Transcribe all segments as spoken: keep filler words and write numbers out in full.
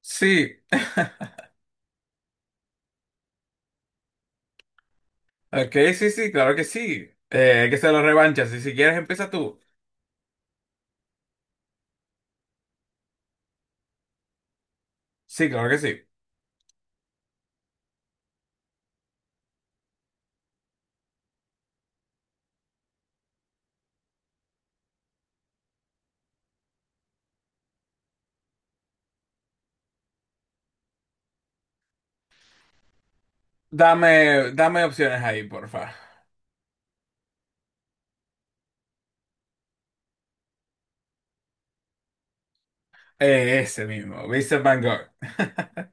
Sí, ok, sí, sí, claro que sí. Eh, que se lo revanchas. Y si quieres, empieza tú. Sí, claro que sí. Dame, dame opciones ahí, porfa. Eh, ese mismo, Vincent Van Gogh.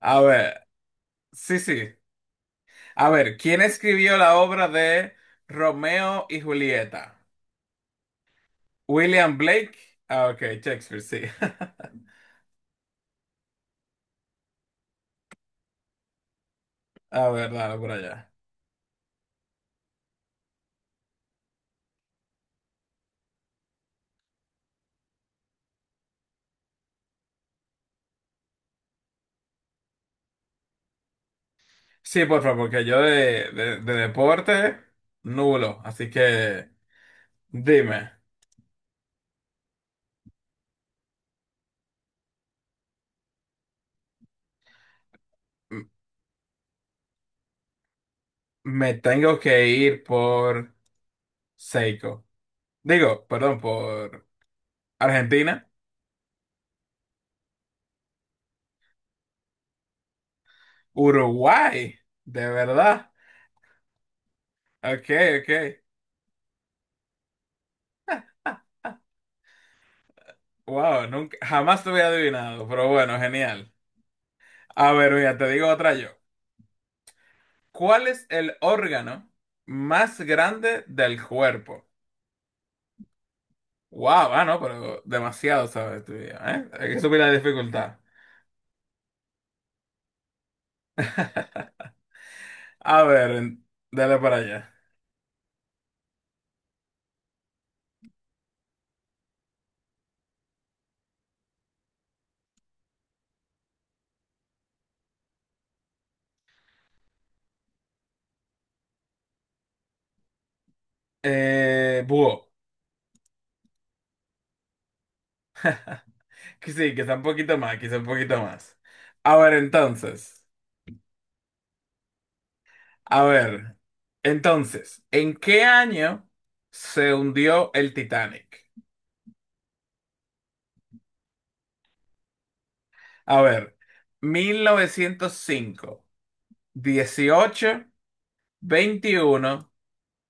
A ver, sí, sí. A ver, ¿quién escribió la obra de Romeo y Julieta? William Blake. Ah, ok, Shakespeare, sí. A ver, dale por allá. Sí, por favor, porque yo de, de, de deporte, nulo. Así que dime. Me tengo que ir por Seiko. Digo, perdón, por Argentina. Uruguay, de verdad. Ok, ok. Wow, nunca, jamás te hubiera adivinado, pero bueno, genial. A ver, mira, te digo otra yo. ¿Cuál es el órgano más grande del cuerpo? Wow, ah, no, pero demasiado, ¿sabes? Tú ya, ¿eh? Hay que subir la dificultad. A ver, en- dale para allá. Eh, búho. Que sí, quizá un poquito más, quizá un poquito más. A ver, entonces, a ver, entonces, ¿en qué año se hundió el Titanic? A ver, mil novecientos cinco, dieciocho, veintiuno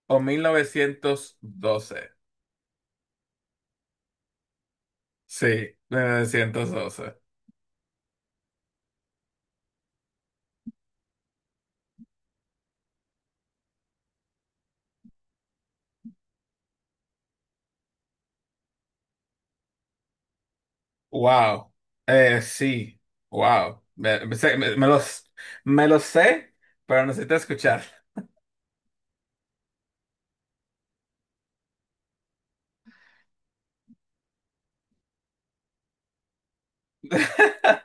o mil novecientos doce. Sí, mil novecientos doce. Wow. Eh, sí, wow. Me, me sé- me- me los, me los sé, pero necesito escuchar.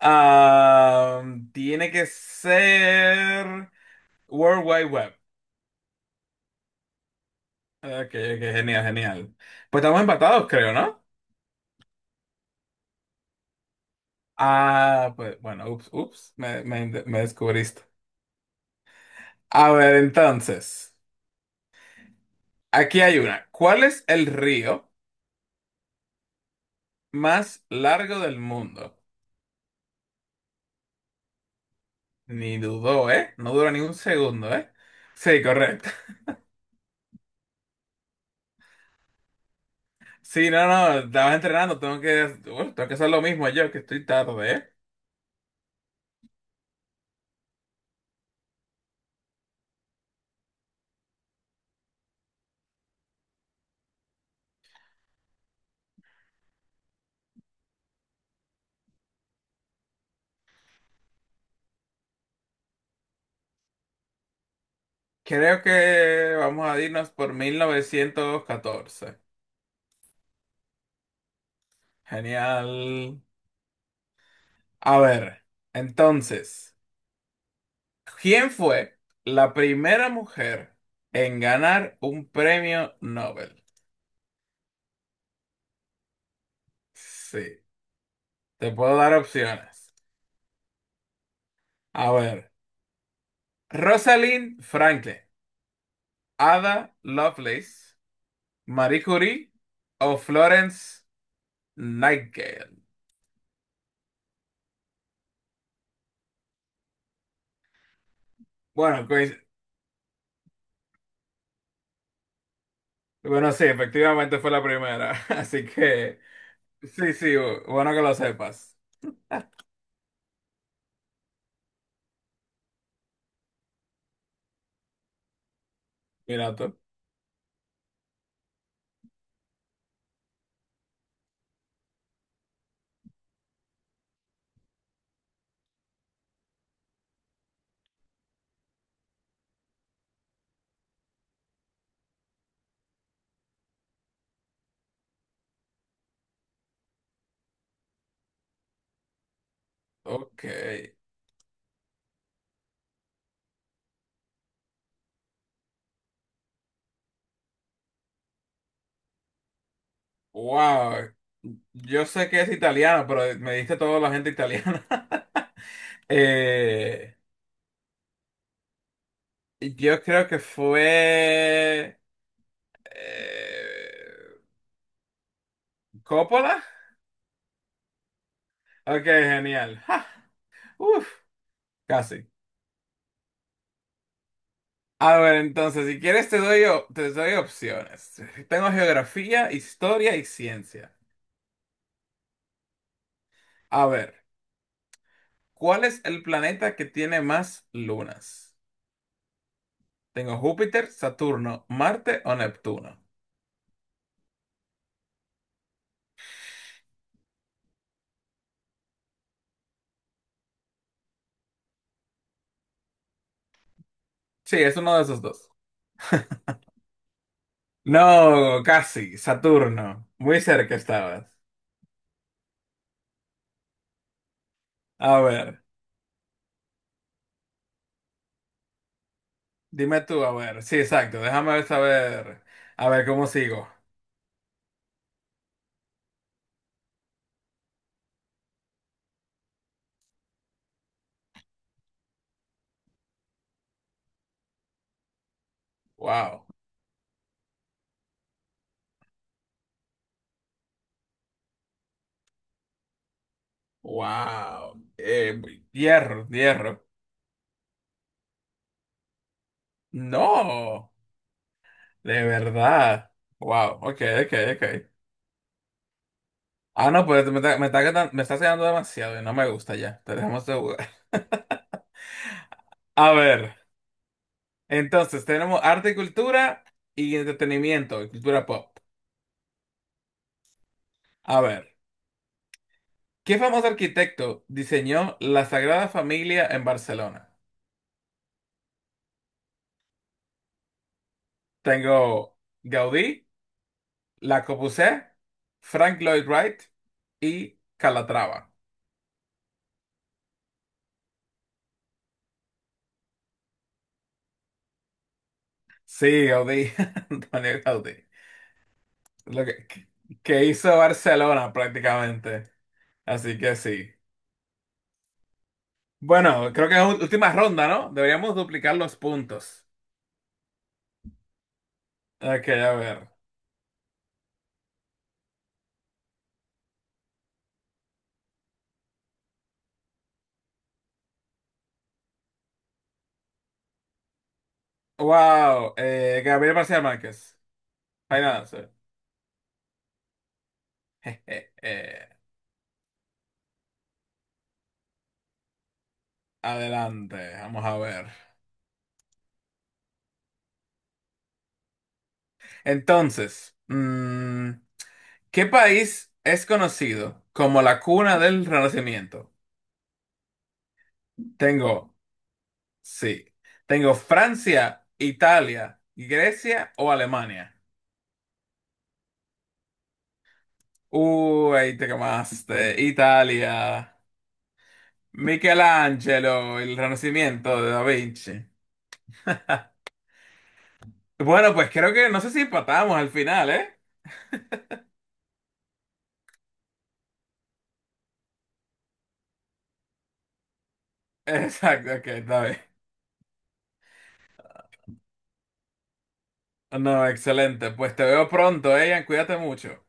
Ah, tiene que ser World Wide Web. Ok, ok, genial, genial. Pues estamos empatados, creo, ¿no? Ah, pues bueno, ups, ups, me, me, me descubriste. A ver, entonces, aquí hay una. ¿Cuál es el río más largo del mundo? Ni dudó, ¿eh? No dura ni un segundo, ¿eh? Sí, correcto. Sí, no, no, estabas entrenando, tengo que, bueno, tengo que hacer lo mismo yo, que estoy tarde, ¿eh? Creo que vamos a irnos por mil novecientos catorce. Genial. A ver, entonces, ¿quién fue la primera mujer en ganar un premio Nobel? Sí, te puedo dar opciones. A ver, Rosalind Franklin, Ada Lovelace, Marie Curie o Florence Nightingale. Bueno, coinc- bueno, sí, efectivamente fue la primera, así que... Sí, sí, bu- bueno que lo sepas. Mira tú. Ok. Wow. Yo sé que es italiano, pero me diste toda la gente italiana. Eh, yo creo que fue eh, Coppola. Ok, genial. Ja, uf, casi. A ver, entonces, si quieres te doy, o- te doy opciones. Tengo geografía, historia y ciencia. A ver, ¿cuál es el planeta que tiene más lunas? Tengo Júpiter, Saturno, Marte o Neptuno. Sí, es uno de esos dos. No, casi, Saturno. Muy cerca estabas. A ver, dime tú, a ver. Sí, exacto. Déjame ver, saber. A ver cómo sigo. Wow, wow. Eh, hierro, hierro. No, de verdad. Wow, ok, ok, ok. Ah, no, pues me está, me está quedan- me está quedando demasiado y no me gusta ya. Te dejamos de jugar. A ver. Entonces, tenemos arte y cultura y entretenimiento y cultura pop. A ver, ¿qué famoso arquitecto diseñó la Sagrada Familia en Barcelona? Tengo Gaudí, La Corbusier, Frank Lloyd Wright y Calatrava. Sí, Gaudí, Antonio Gaudí. Lo que, que hizo Barcelona prácticamente. Así que sí. Bueno, creo que es ú- última ronda, ¿no? Deberíamos duplicar los puntos. Ok, a ver. Wow, eh, Gabriel García Márquez. Ahí nada, sí. eh. Adelante, vamos a ver. Entonces, mm, ¿qué país es conocido como la cuna del Renacimiento? Tengo, sí, tengo Francia, Italia, Grecia o Alemania. Uy, ahí te quemaste. Italia, Michelangelo, el Renacimiento de Da Vinci. Bueno, pues creo que no sé si empatamos al final, ¿eh? Exacto, ok, está bien. No, excelente. Pues te veo pronto, eh, Ian. Cuídate mucho.